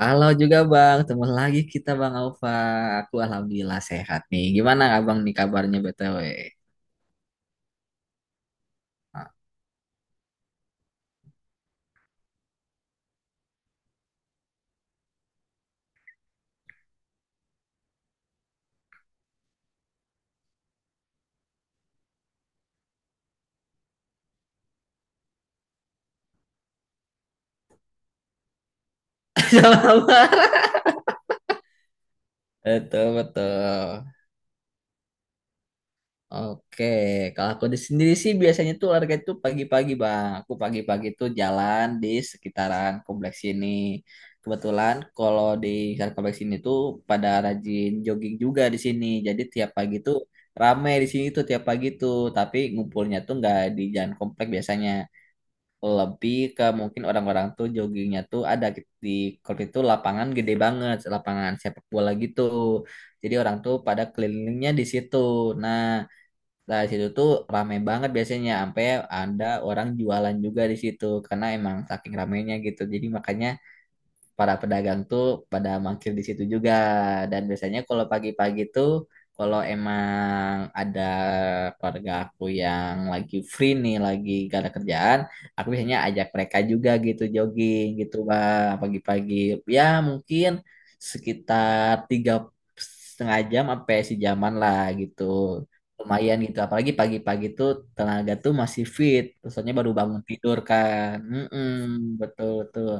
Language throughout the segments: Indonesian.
Halo juga Bang, ketemu lagi kita Bang Alfa. Aku alhamdulillah sehat nih. Gimana Abang nih kabarnya BTW? Ah, sama-sama. Betul, betul. Oke, kalau aku di sendiri sih biasanya tuh olahraga itu pagi-pagi Bang. Aku pagi-pagi tuh jalan di sekitaran kompleks ini. Kebetulan kalau di sekitaran kompleks ini tuh pada rajin jogging juga di sini. Jadi tiap pagi tuh rame di sini tuh tiap pagi tuh. Tapi ngumpulnya tuh nggak di jalan kompleks biasanya. Lebih ke mungkin orang-orang tuh joggingnya tuh ada di kalau itu lapangan gede banget, lapangan sepak bola gitu, jadi orang tuh pada kelilingnya di situ. Nah, dari situ tuh rame banget biasanya, sampai ada orang jualan juga di situ karena emang saking ramenya gitu, jadi makanya para pedagang tuh pada mangkir di situ juga. Dan biasanya kalau pagi-pagi tuh, kalau emang ada keluarga aku yang lagi free nih, lagi gak ada kerjaan, aku biasanya ajak mereka juga gitu jogging gitu, Bang, pagi-pagi. Ya mungkin sekitar tiga setengah jam sampai sejaman lah gitu. Lumayan gitu, apalagi pagi-pagi tuh tenaga tuh masih fit, soalnya baru bangun tidur kan. Mm-mm, betul betul.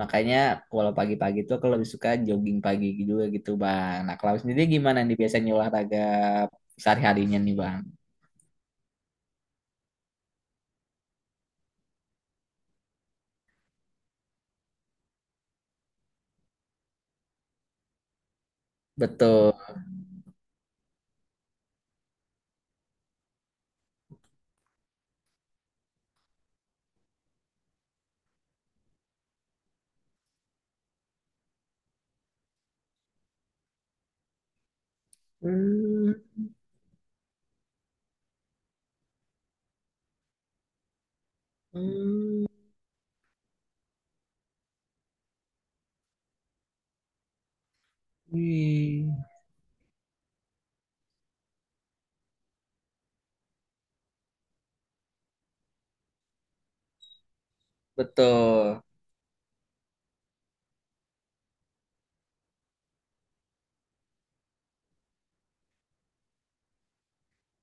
Makanya kalau pagi-pagi tuh aku lebih suka jogging pagi juga gitu Bang. Nah, kalau sendiri gimana nih biasanya olahraga sehari-harinya nih Bang? Betul. Hmm, hmm, wih. Betul.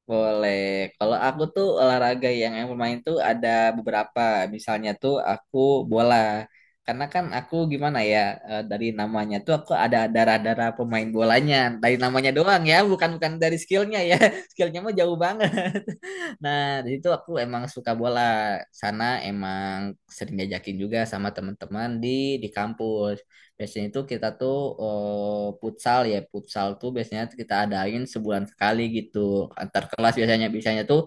Boleh. Kalau aku tuh olahraga yang bermain tuh ada beberapa. Misalnya tuh aku bola. Karena kan aku gimana ya, dari namanya tuh aku ada darah-darah pemain bolanya. Dari namanya doang ya, bukan bukan dari skillnya ya. Skillnya mah jauh banget. Nah, dari itu aku emang suka bola. Sana emang sering diajakin juga sama teman-teman di kampus. Biasanya itu kita tuh, futsal ya, futsal tuh biasanya kita adain sebulan sekali gitu. Antar kelas biasanya biasanya tuh,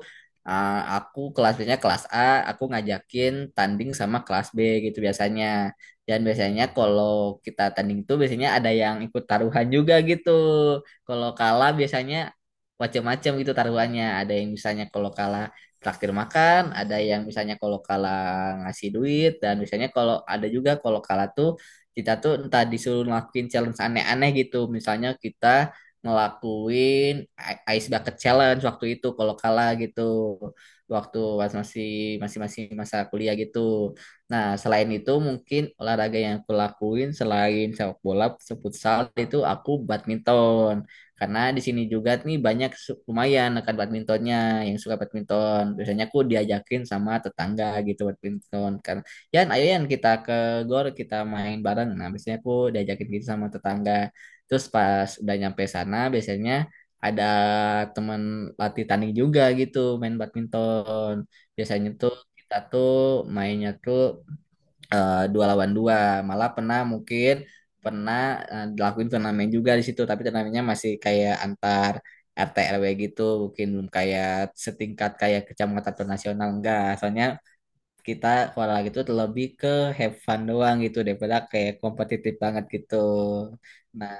ah, aku kelas biasanya kelas A, aku ngajakin tanding sama kelas B gitu biasanya. Dan biasanya kalau kita tanding tuh biasanya ada yang ikut taruhan juga gitu. Kalau kalah biasanya macam-macam gitu taruhannya. Ada yang misalnya kalau kalah traktir makan, ada yang misalnya kalau kalah ngasih duit, dan misalnya kalau ada juga kalau kalah tuh kita tuh entah disuruh ngelakuin challenge aneh-aneh gitu, misalnya kita ngelakuin ice bucket challenge waktu itu kalau kalah gitu, waktu pas masih masih masih masa kuliah gitu. Nah, selain itu mungkin olahraga yang aku lakuin selain sepak bola futsal itu aku badminton, karena di sini juga nih banyak lumayan rekan badmintonnya yang suka badminton. Biasanya aku diajakin sama tetangga gitu badminton. Kan, "Yan, ayo Yan kita ke gor, kita main bareng." Nah, biasanya aku diajakin gitu sama tetangga. Terus pas udah nyampe sana biasanya ada teman latih tanding juga gitu main badminton. Biasanya tuh kita tuh mainnya tuh, 2 lawan 2, malah pernah mungkin pernah, dilakuin turnamen juga di situ, tapi turnamennya masih kayak antar RT RW gitu mungkin, belum kayak setingkat kayak kecamatan atau nasional, enggak, soalnya kita kalau gitu tuh lebih ke have fun doang gitu daripada kayak kompetitif banget gitu. Nah,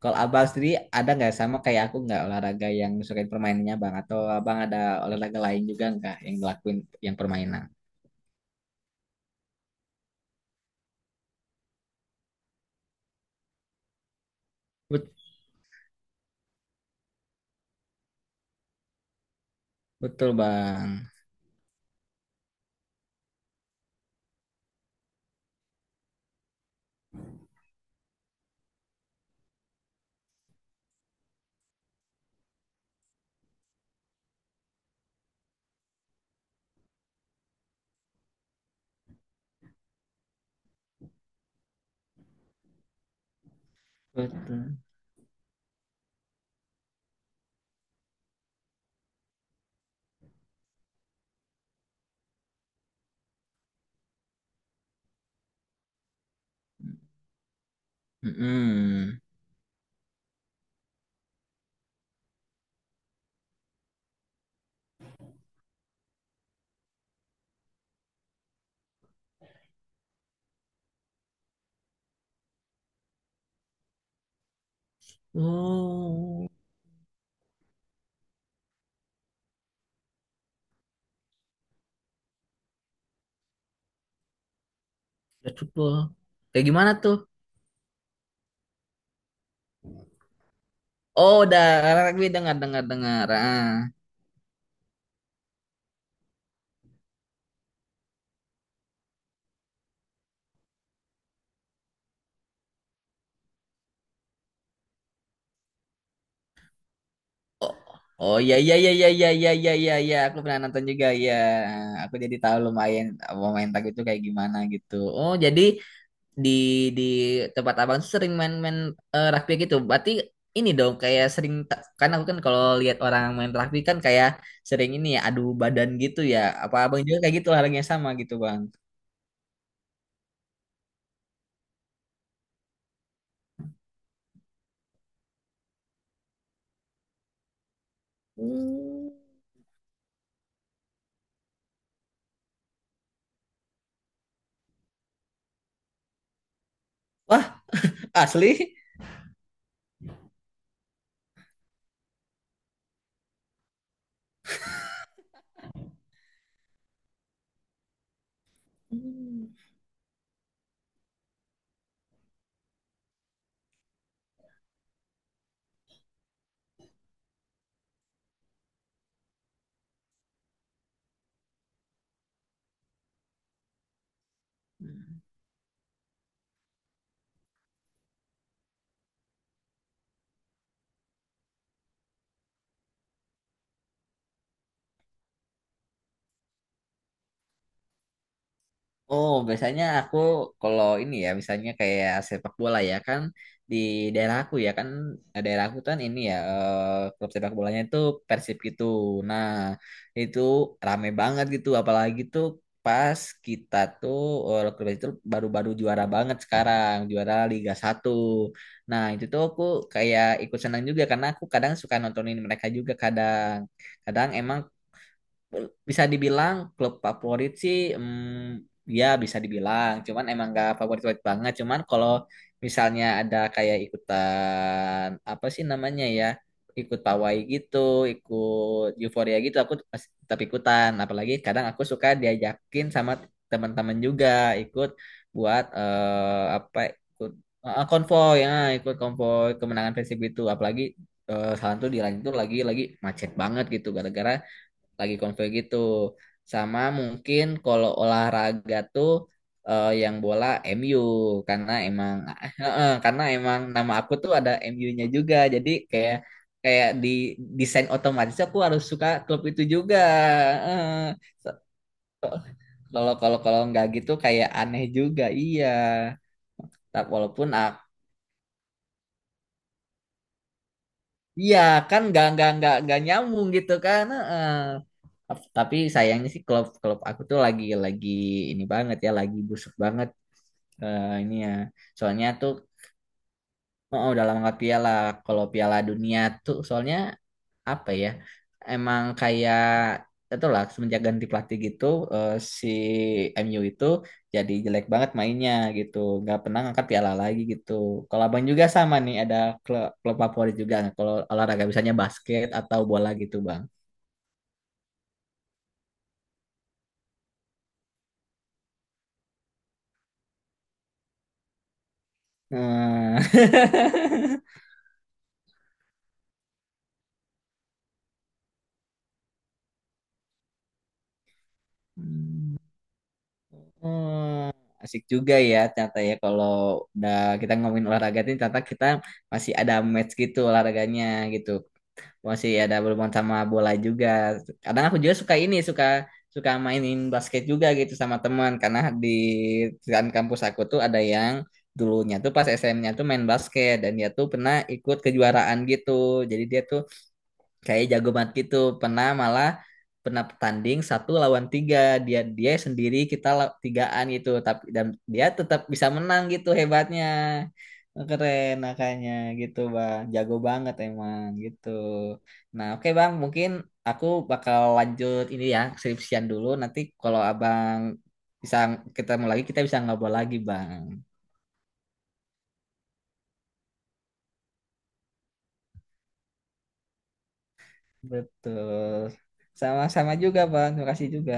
kalau abang sendiri ada nggak sama kayak aku nggak, olahraga yang sukain permainannya bang, atau abang ada olahraga lain juga nggak yang ngelakuin, yang permainan? Bet- betul bang. Betul. Mm-mm. Oh, udah football. Kayak gimana tuh? Oh, udah rugby, dengar, dengar, dengar. Ah. Oh, oh, iya, iya, iya, iya, iya, iya, iya, iya. Iya. Aku pernah nonton juga ya. Aku jadi tahu lumayan pemain tag itu kayak gimana gitu. Oh, jadi di di tempat abang tuh sering main-main, rugby gitu. Berarti ini dong kayak sering, kan aku kan kalau lihat orang main rugby kan kayak sering ini ya adu badan gitu ya. Apa abang juga kayak gitu olahraga yang sama gitu, Bang? Hmm. Asli? Hmm. Oh, biasanya aku kalau ini ya, misalnya kayak sepak bola ya kan, di daerah aku ya kan, daerah aku kan ini ya, klub sepak bolanya itu Persib gitu. Nah, itu rame banget gitu apalagi tuh pas kita tuh, klub itu baru-baru juara banget sekarang, juara Liga 1. Nah, itu tuh aku kayak ikut senang juga karena aku kadang suka nontonin mereka juga kadang. Kadang emang bisa dibilang klub favorit sih, ya bisa dibilang, cuman emang gak favorit favorit banget, cuman kalau misalnya ada kayak ikutan apa sih namanya ya, ikut pawai gitu, ikut euforia gitu, aku tetap ikutan, apalagi kadang aku suka diajakin sama teman-teman juga ikut buat, apa ikut, konvoy ya, ikut konvoy kemenangan Persib itu. Apalagi, salah tuh di lain itu lagi macet banget gitu gara-gara lagi konvoy gitu. Sama mungkin kalau olahraga tuh, yang bola MU karena emang eh, karena emang nama aku tuh ada MU-nya juga. Jadi kayak kayak di desain otomatis aku harus suka klub itu juga. Eh, so- Kalau kalau kalau nggak gitu kayak aneh juga. Iya. Tak walaupun ak- iya kan nggak nyambung gitu kan. Eh, tapi sayangnya sih klub klub aku tuh lagi ini banget ya, lagi busuk banget, ini ya. Soalnya tuh, oh, udah lama piala. Kalau piala dunia tuh soalnya apa ya? Emang kayak itu lah semenjak ganti pelatih gitu, eh, si MU itu jadi jelek banget mainnya gitu. Nggak pernah ngangkat piala lagi gitu. Kalau abang juga sama nih, ada klub favorit juga nggak? Kalau olahraga misalnya basket atau bola gitu bang. Hmm. Asik juga ya ternyata ya, kalau udah kita ngomongin olahraga ini, ternyata kita masih ada match gitu olahraganya gitu. Masih ada berhubungan sama bola juga. Kadang aku juga suka ini, suka suka mainin basket juga gitu sama teman, karena di dekat kampus aku tuh ada yang dulunya tuh pas SM-nya tuh main basket dan dia tuh pernah ikut kejuaraan gitu. Jadi dia tuh kayak jago banget gitu, pernah malah pernah tanding 1 lawan 3, dia dia sendiri kita tigaan gitu tapi, dan dia tetap bisa menang gitu hebatnya. Oh, keren makanya gitu bang, jago banget emang gitu. Nah, oke bang, mungkin aku bakal lanjut ini ya skripsian dulu, nanti kalau abang bisa ketemu lagi kita bisa ngobrol lagi bang. Betul. Sama-sama juga bang, terima kasih juga.